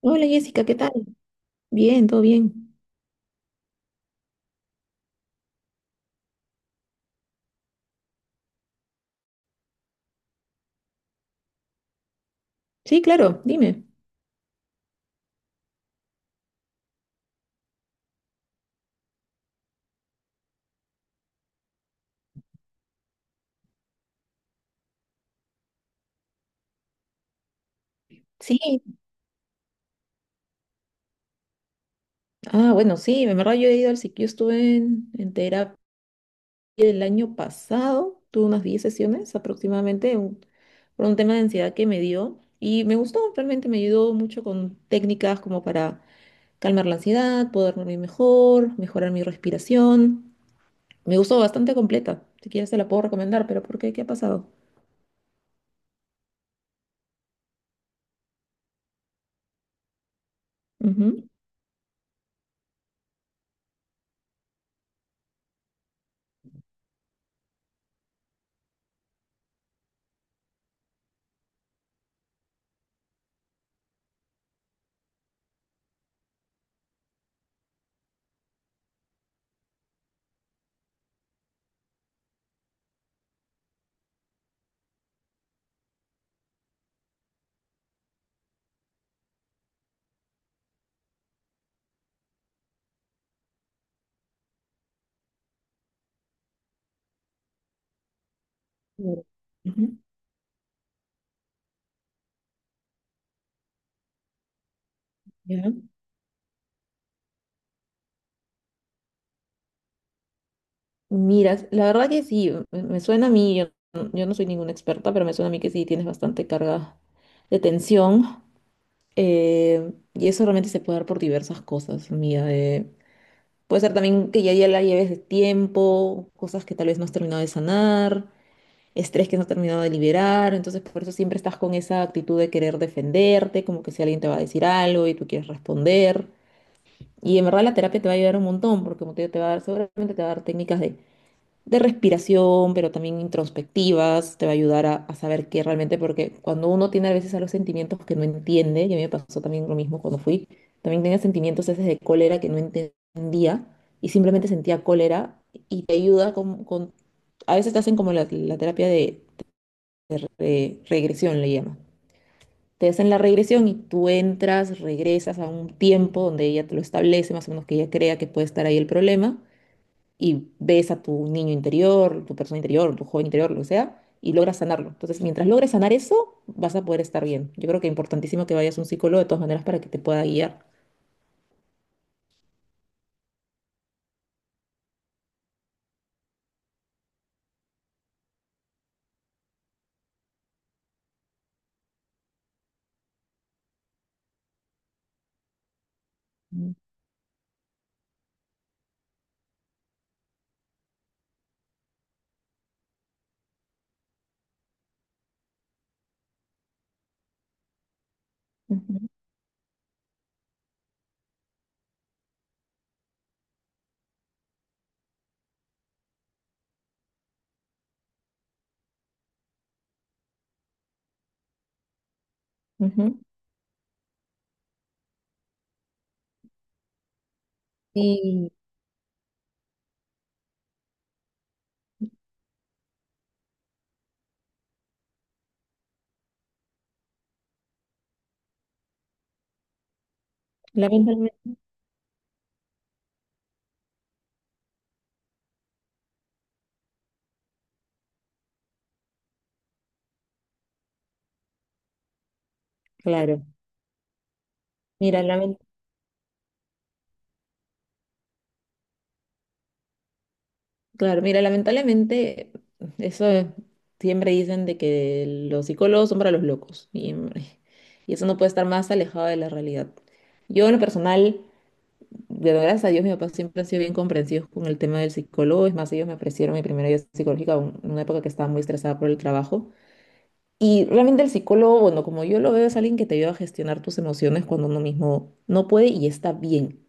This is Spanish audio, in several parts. Hola Jessica, ¿qué tal? Bien, todo bien. Sí, claro, dime. Sí. Ah, bueno, sí, en verdad yo he ido al yo estuve en terapia el año pasado, tuve unas 10 sesiones aproximadamente por un tema de ansiedad que me dio y me gustó, realmente me ayudó mucho con técnicas como para calmar la ansiedad, poder dormir mejor, mejorar mi respiración. Me gustó bastante completa. Si quieres te la puedo recomendar, pero ¿por qué? ¿Qué ha pasado? Ujú. Ujú. ¿Ya? Mira, la verdad que sí, me suena a mí, yo no soy ninguna experta, pero me suena a mí que sí tienes bastante carga de tensión. Y eso realmente se puede dar por diversas cosas, mira. Puede ser también que ya la lleves de tiempo, cosas que tal vez no has terminado de sanar, estrés que no has terminado de liberar. Entonces, por eso siempre estás con esa actitud de querer defenderte, como que si alguien te va a decir algo y tú quieres responder. Y en verdad la terapia te va a ayudar un montón, porque como te digo, te va a dar, seguramente te va a dar técnicas de respiración, pero también introspectivas, te va a ayudar a saber qué realmente, porque cuando uno tiene a veces a los sentimientos que no entiende, y a mí me pasó también lo mismo cuando fui, también tenía sentimientos a veces de cólera que no entendía y simplemente sentía cólera y te ayuda a veces te hacen como la terapia de regresión, le llaman. Te hacen la regresión y tú entras, regresas a un tiempo donde ella te lo establece, más o menos que ella crea que puede estar ahí el problema y ves a tu niño interior, tu persona interior, tu joven interior, lo que sea, y logras sanarlo. Entonces, mientras logres sanar eso, vas a poder estar bien. Yo creo que es importantísimo que vayas a un psicólogo de todas maneras para que te pueda guiar. Mm. Ujú, ujú. Y lamentablemente, claro, mira, lamen- claro, mira, lamentablemente, eso es- siempre dicen de que los psicólogos son para los locos, y eso no puede estar más alejado de la realidad. Yo en lo personal Pero gracias a Dios, mi papá siempre ha sido bien comprensivo con el tema del psicólogo. Es más, ellos me ofrecieron mi primera ayuda psicológica en una época que estaba muy estresada por el trabajo. Y realmente el psicólogo, bueno, como yo lo veo, es alguien que te ayuda a gestionar tus emociones cuando uno mismo no puede y está bien.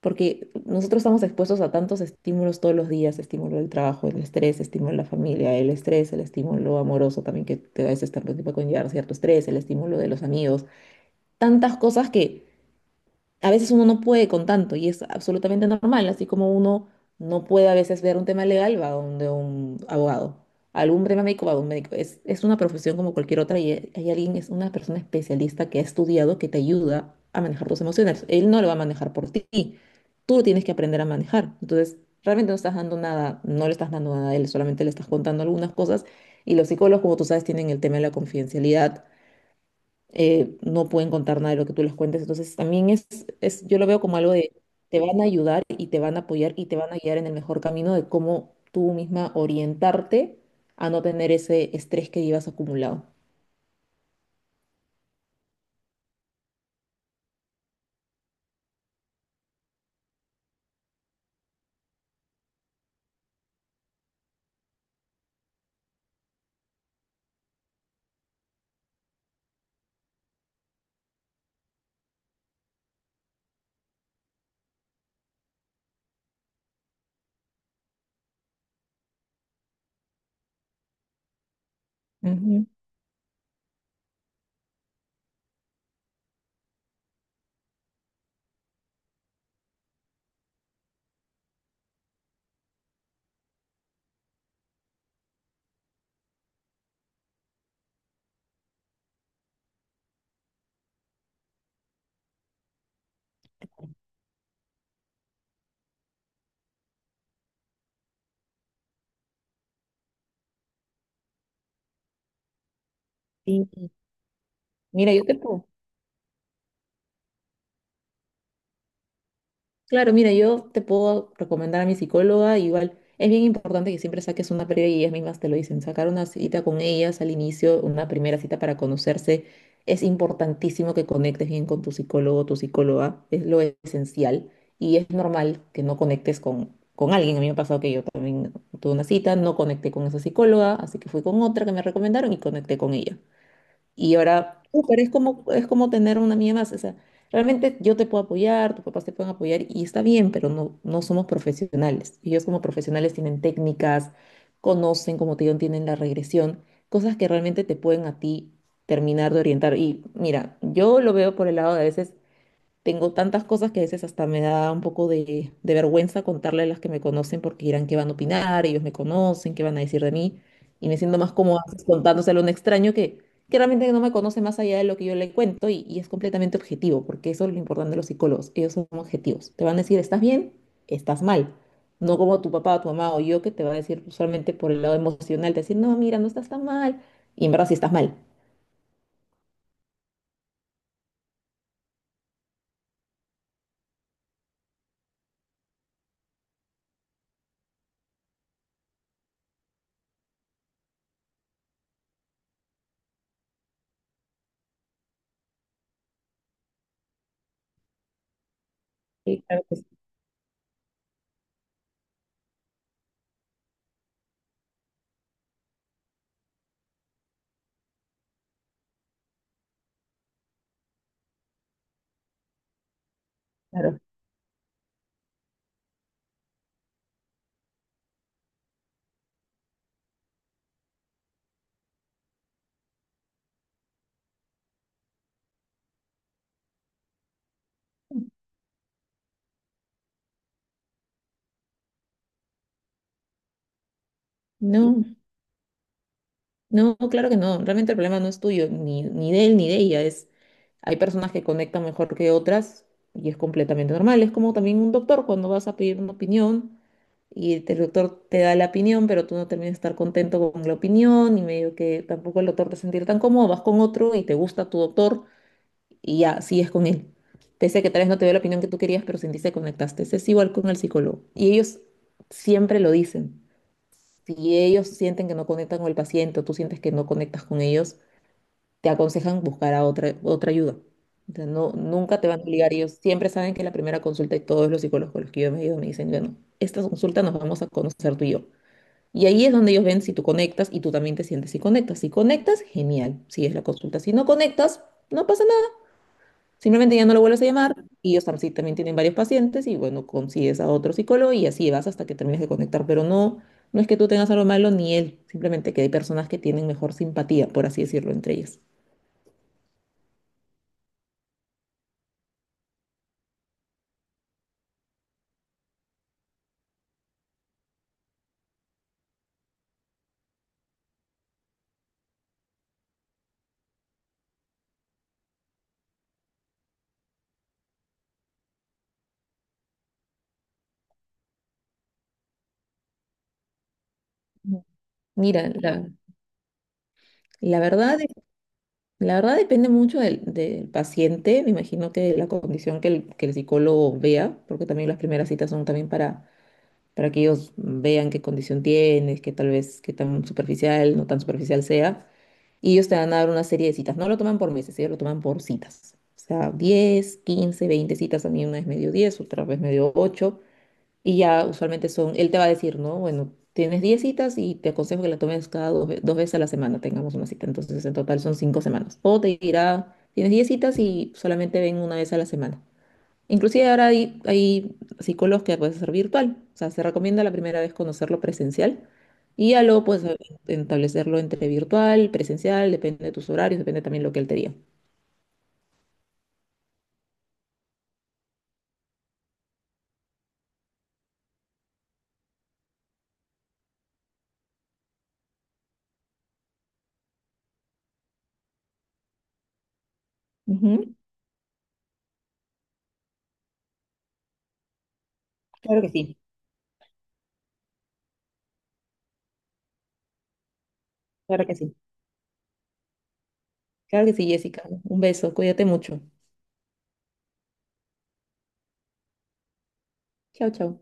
Porque nosotros estamos expuestos a tantos estímulos todos los días, estímulo del trabajo, el estrés, estímulo de la familia, el estrés, el estímulo amoroso también que te da ese estímulo que puede conllevar cierto estrés, el estímulo de los amigos, tantas cosas que a veces uno no puede con tanto y es absolutamente normal, así como uno no puede a veces ver un tema legal, va donde un abogado, algún tema médico, va a un médico. Es una profesión como cualquier otra y hay alguien, es una persona especialista que ha estudiado que te ayuda a manejar tus emociones. Él no lo va a manejar por ti, tú lo tienes que aprender a manejar. Entonces, realmente no estás dando nada, no le estás dando nada a él, solamente le estás contando algunas cosas y los psicólogos, como tú sabes, tienen el tema de la confidencialidad, no pueden contar nada de lo que tú les cuentes. Entonces, también yo lo veo como algo de, te van a ayudar y te van a apoyar y te van a guiar en el mejor camino de cómo tú misma orientarte a no tener ese estrés que llevas acumulado. Ujú. Sí. Mira, yo te puedo. Claro, mira, yo te puedo recomendar a mi psicóloga, igual es bien importante que siempre saques una previa y ellas mismas te lo dicen, sacar una cita con ellas al inicio, una primera cita para conocerse, es importantísimo que conectes bien con tu psicólogo o tu psicóloga, es lo esencial y es normal que no conectes con alguien, a mí me ha pasado que yo también tuve una cita, no conecté con esa psicóloga, así que fui con otra que me recomendaron y conecté con ella. Y ahora, pero es como tener una amiga más. O sea, realmente yo te puedo apoyar, tus papás te pueden apoyar y está bien, pero no, no somos profesionales. Ellos como profesionales tienen técnicas, conocen, como te digo, tienen la regresión, cosas que realmente te pueden a ti terminar de orientar. Y mira, yo lo veo por el lado de a veces tengo tantas cosas que a veces hasta me da un poco de vergüenza contarle a las que me conocen porque dirán qué van a opinar, ellos me conocen, qué van a decir de mí. Y me siento más cómoda pues, contándoselo a un extraño que realmente no me conoce más allá de lo que yo le cuento y, es completamente objetivo, porque eso es lo importante de los psicólogos, ellos son objetivos. Te van a decir, estás bien, estás mal. No como tu papá, tu mamá o yo que te va a decir usualmente por el lado emocional, te decir, no, mira, no estás tan mal. Y en verdad sí estás mal. Sí, claro que sí, claro. No. No, claro que no. Realmente el problema no es tuyo, ni de él, ni de ella. Hay personas que conectan mejor que otras y es completamente normal. Es como también un doctor cuando vas a pedir una opinión y el doctor te da la opinión, pero tú no terminas de estar contento con la opinión y medio que tampoco el doctor te sentir tan cómodo. Vas con otro y te gusta tu doctor y ya sigues con él. Pese a que tal vez no te dio la opinión que tú querías, pero sentiste que conectaste. Es igual con el psicólogo. Y ellos siempre lo dicen. Si ellos sienten que no conectan con el paciente o tú sientes que no conectas con ellos, te aconsejan buscar a otra ayuda. O sea, no, nunca te van a obligar. Ellos siempre saben que la primera consulta y todos los psicólogos con los que yo me he ido me dicen, bueno, esta consulta nos vamos a conocer tú y yo. Y ahí es donde ellos ven si tú conectas y tú también te sientes si conectas. Si conectas, genial, sigues la consulta. Si no conectas, no pasa. Simplemente ya no lo vuelves a llamar y ellos sí también tienen varios pacientes y bueno, consigues a otro psicólogo y así vas hasta que termines de conectar. Pero no, no es que tú tengas algo malo ni él, simplemente que hay personas que tienen mejor simpatía, por así decirlo, entre ellas. Ujú. Mira, la verdad, de- la verdad depende mucho del paciente, me imagino que de la condición que el psicólogo vea, porque también las primeras citas son también para que ellos vean qué condición tienes, que tal vez qué tan superficial, no tan superficial sea. Y ellos te van a dar una serie de citas. No lo toman por meses, ellos lo toman por citas. O sea, 10 15 20 citas. A mí una vez me dio 10, otra vez me dio 8. Y ya usualmente son, él te va a decir, ¿no? Bueno, tienes 10 citas y te aconsejo que la tomes dos veces a la semana, tengamos una cita. Entonces, en total son 5 semanas. O te dirá, tienes 10 citas y solamente ven una vez a la semana. Inclusive ahora hay psicólogos que puedes hacer virtual, o sea, se recomienda la primera vez conocerlo presencial y ya luego puedes establecerlo entre virtual, presencial, depende de tus horarios, depende también lo que él te diga. Ujú. Claro que sí, claro que sí. Claro que sí, Jessica. Un beso, cuídate mucho. Chao, chao.